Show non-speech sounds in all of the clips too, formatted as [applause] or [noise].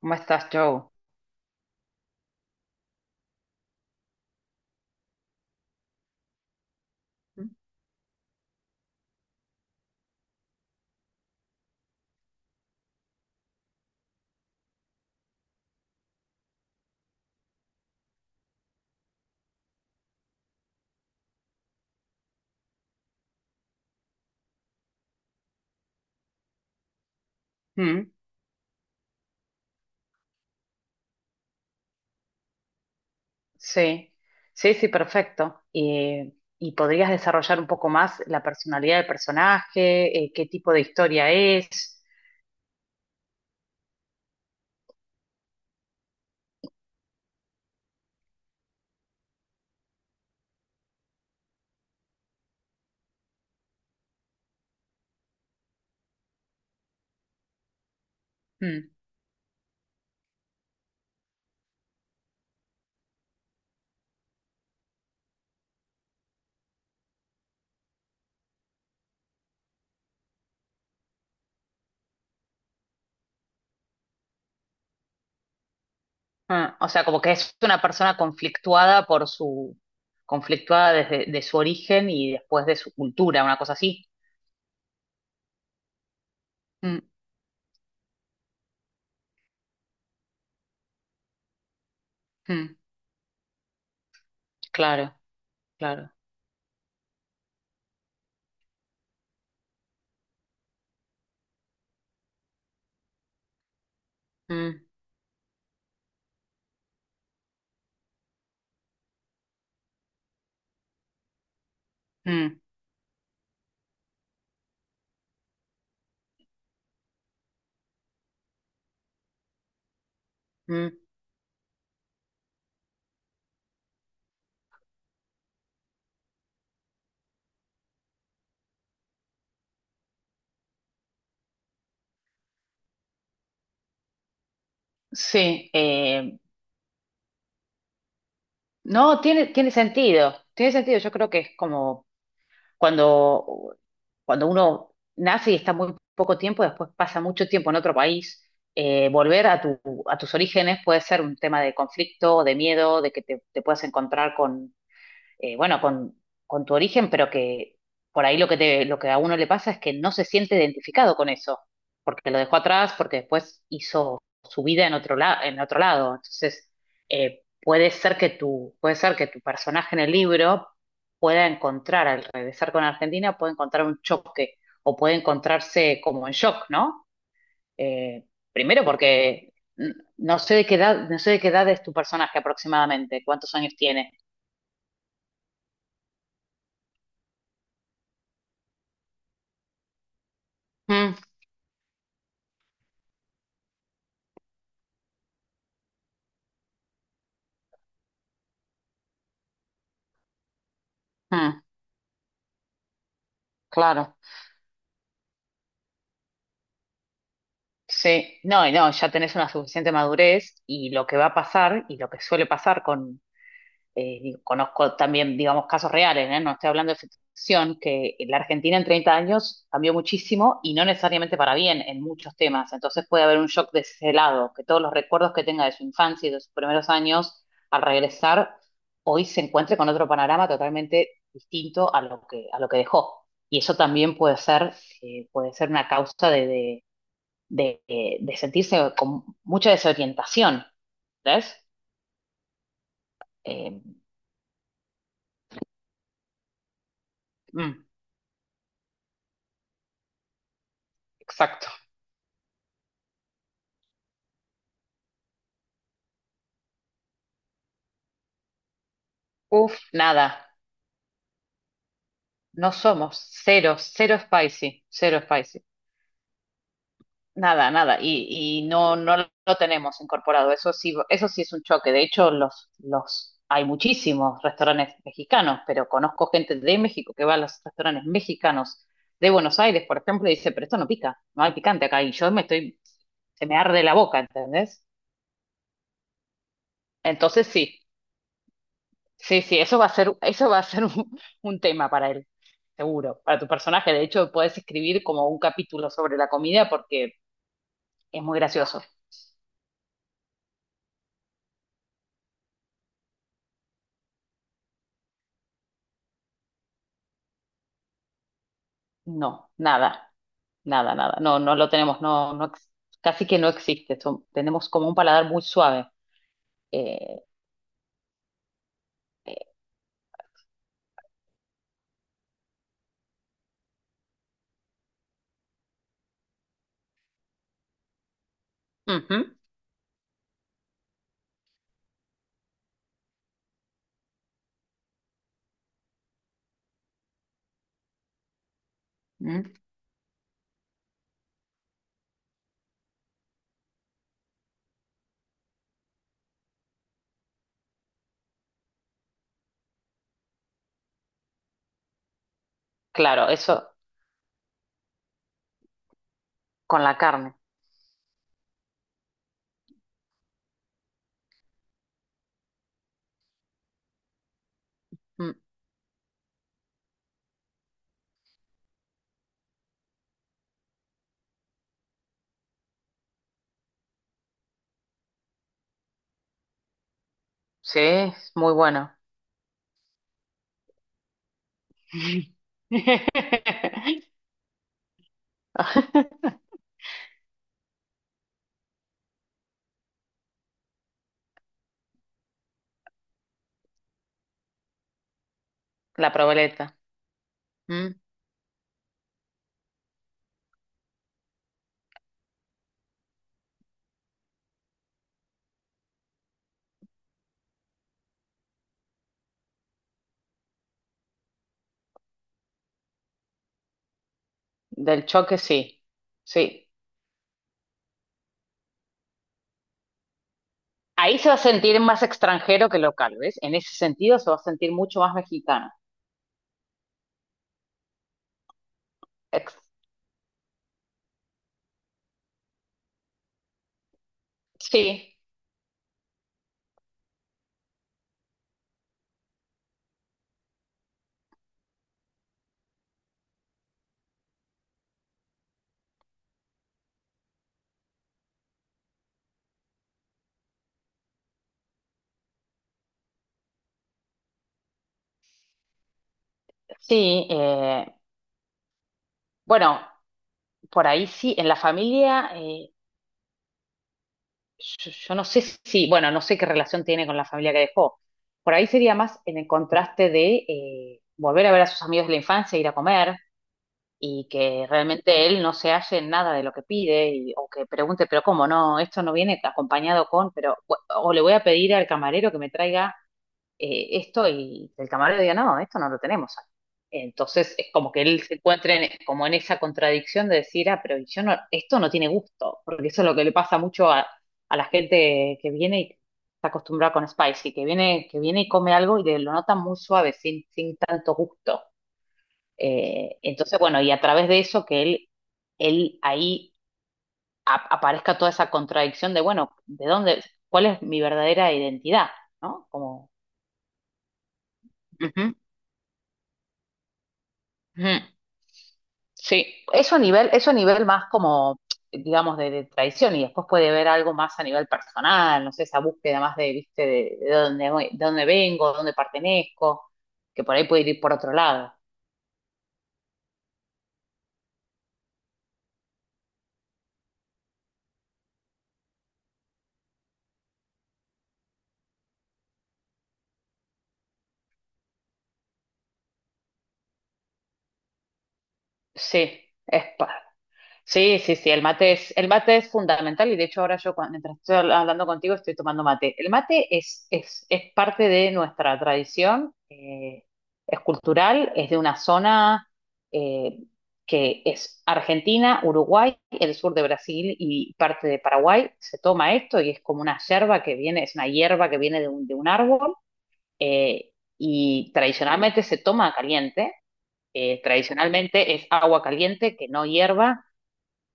¿Cómo estás, Joe? Mm, sí, sí, sí, perfecto. ¿Y podrías desarrollar un poco más la personalidad del personaje? ¿Qué tipo de historia es? Mm, ah, o sea, como que es una persona conflictuada desde de su origen y después de su cultura, una cosa así. Mm, mm, claro, claro. Mm, mm, mm. Sí, no, tiene, tiene sentido, tiene sentido. Yo creo que es como cuando, cuando uno nace y está muy poco tiempo, después pasa mucho tiempo en otro país, eh, volver a tu, a tus orígenes puede ser un tema de conflicto, de miedo, de que te puedas encontrar con con tu origen, pero que por ahí lo que lo que a uno le pasa es que no se siente identificado con eso, porque lo dejó atrás, porque después hizo su vida en otro lado, en otro lado. Entonces, puede ser que tu personaje en el libro pueda encontrar, al regresar con Argentina, puede encontrar un choque o puede encontrarse como en shock, ¿no? Eh, primero porque no sé de qué edad, no sé de qué edad es tu personaje aproximadamente, cuántos años tiene. Mm, mm. Claro, sí, no, y no, ya tenés una suficiente madurez y lo que va a pasar y lo que suele pasar con digo, conozco también, digamos, casos reales, ¿eh? No estoy hablando de ficción, que la Argentina en 30 años cambió muchísimo y no necesariamente para bien en muchos temas, entonces puede haber un shock de ese lado, que todos los recuerdos que tenga de su infancia y de sus primeros años al regresar, hoy se encuentre con otro panorama totalmente distinto a lo que dejó. Y eso también puede ser, puede ser una causa de de sentirse con mucha desorientación, ¿ves? Eh, mm, exacto. Uf, nada, no somos, cero, cero spicy, cero spicy. Nada, nada, y no, no lo tenemos incorporado. Eso sí es un choque. De hecho, los, hay muchísimos restaurantes mexicanos, pero conozco gente de México que va a los restaurantes mexicanos de Buenos Aires, por ejemplo, y dice, pero esto no pica, no hay picante acá. Y yo me estoy, se me arde la boca, ¿entendés? Entonces sí, sí, sí, eso va a ser, eso va a ser [laughs] un tema para él, seguro, para tu personaje. De hecho, puedes escribir como un capítulo sobre la comida porque es muy gracioso. No, nada, nada, nada. No, no lo tenemos, casi que no existe. Tenemos como un paladar muy suave. Eh, eh, ujú, mm, claro, eso con la carne. Mm, sí, es muy bueno. [laughs] La proboleta. Mm, del choque, sí. Sí. Ahí se va a sentir más extranjero que local, ¿ves? En ese sentido se va a sentir mucho más mexicano. Ex- sí, sí. Bueno, por ahí sí, en la familia, yo, yo no sé si, bueno, no sé qué relación tiene con la familia que dejó. Por ahí sería más en el contraste de volver a ver a sus amigos de la infancia, ir a comer y que realmente él no se halle en nada de lo que pide o que pregunte, pero ¿cómo no? Esto no viene acompañado con, pero, o le voy a pedir al camarero que me traiga esto y el camarero diga, no, esto no lo tenemos aquí. Entonces es como que él se encuentre como en esa contradicción de decir, ah, pero yo no, esto no tiene gusto, porque eso es lo que le pasa mucho a la gente que viene y está acostumbrada con spicy, que viene y come algo y lo nota muy suave, sin, sin tanto gusto. Entonces, bueno, y a través de eso que él ahí aparezca toda esa contradicción de, bueno, ¿de dónde, cuál es mi verdadera identidad? ¿No? Como, ujú, ujú. Sí, eso a nivel más como, digamos, de tradición y después puede ver algo más a nivel personal, no sé, esa búsqueda más de, viste, de dónde, de dónde vengo, dónde pertenezco, que por ahí puede ir por otro lado. Sí, es, Sí, sí, sí, el mate es fundamental y de hecho ahora mientras estoy hablando contigo estoy tomando mate. El mate es parte de nuestra tradición, es cultural, es de una zona eh, que es Argentina, Uruguay, el sur de Brasil y parte de Paraguay. Se toma esto y es como una yerba que viene, es una hierba que viene de un árbol eh, y tradicionalmente se toma caliente. Tradicionalmente es agua caliente que no hierba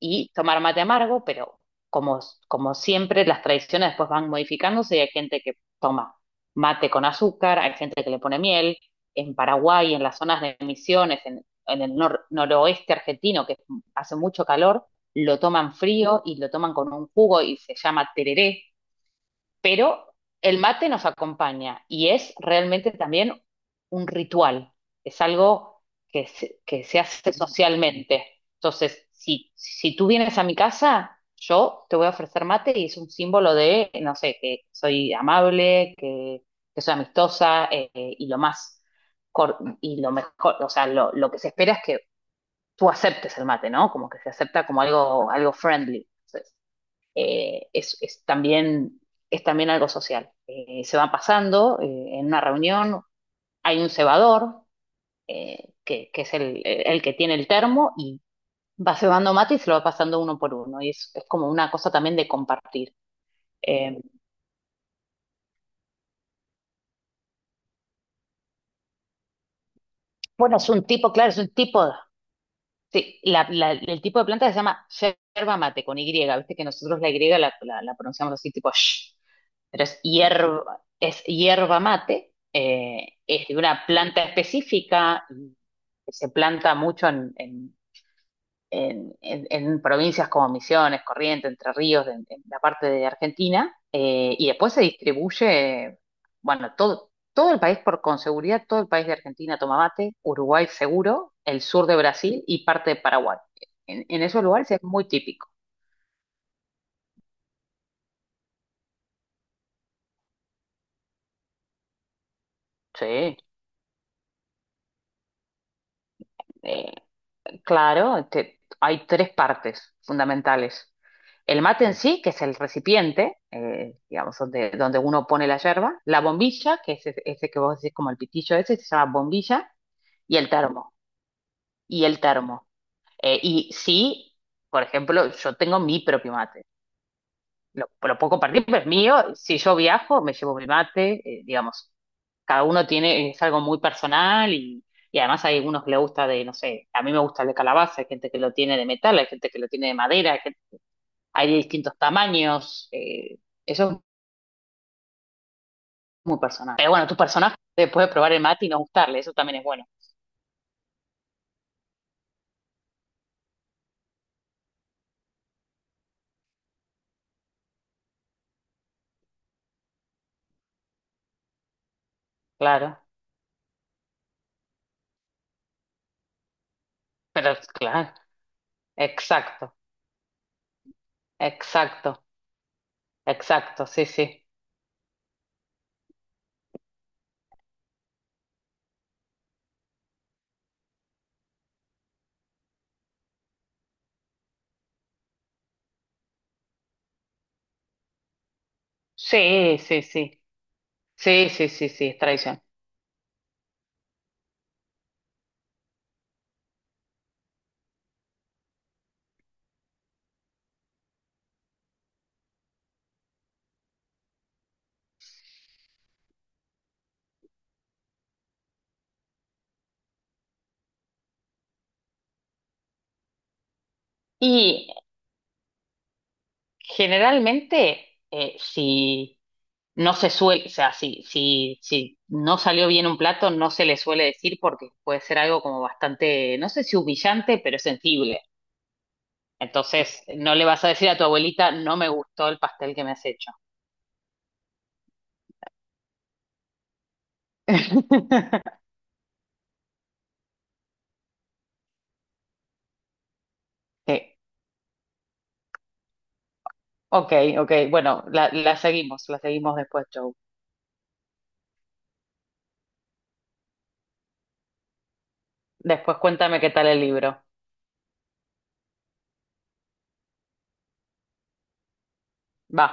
y tomar mate amargo, pero como, como siempre, las tradiciones después van modificándose y hay gente que toma mate con azúcar, hay gente que le pone miel. En Paraguay, en las zonas de Misiones, en el noroeste argentino, que hace mucho calor, lo toman frío y lo toman con un jugo y se llama tereré, pero el mate nos acompaña y es realmente también un ritual, es algo que se hace socialmente. Entonces, si tú vienes a mi casa, yo te voy a ofrecer mate y es un símbolo de, no sé, que soy amable, que soy amistosa y lo mejor, o sea, lo que se espera es que tú aceptes el mate, ¿no? Como que se acepta como algo, algo friendly. eh, es, es también, es también algo social. Se van pasando en una reunión, hay un cebador, que es el que tiene el termo, y va cebando mate y se lo va pasando uno por uno. Y es como una cosa también de compartir. Eh, bueno, es un tipo. Sí, el tipo de planta se llama yerba mate con Y, viste que nosotros la Y la pronunciamos así tipo sh, pero es hierba mate, es de una planta específica, que se planta mucho en en provincias como Misiones, Corrientes, Entre Ríos, en la parte de Argentina, y después se distribuye, bueno, todo, todo el país, por con seguridad, todo el país de Argentina toma mate, Uruguay seguro, el sur de Brasil y parte de Paraguay. En esos lugares es muy típico. Sí. Eh, claro, hay tres partes fundamentales. El mate en sí, que es el recipiente, digamos, donde uno pone la yerba, la bombilla, que es ese que vos decís como el pitillo ese, se llama bombilla, y el termo, y el termo. Y sí, por ejemplo, yo tengo mi propio mate, lo puedo compartir, pero es mío. Si yo viajo, me llevo mi mate, digamos. Cada uno tiene, es algo muy personal y además hay unos que le gusta de, no sé, a mí me gusta el de calabaza, hay gente que lo tiene de metal, hay gente que lo tiene de madera, hay de distintos tamaños. Eso es muy personal. Pero bueno, tu personaje te puede probar el mate y no gustarle, eso también es bueno. Claro, pero claro, exacto, exacto, exacto, sí, sí. Sí, sí, sí, sí, sí, sí, sí, es tradición. Y Generalmente, si no se suele, o sea, si, si, si no salió bien un plato, no se le suele decir porque puede ser algo como bastante, no sé si humillante, pero sensible. Entonces, no le vas a decir a tu abuelita, no me gustó el pastel que me has hecho. [laughs] Eh, ok, ok, bueno, la, la seguimos después, Joe. Después cuéntame qué tal el libro. Va.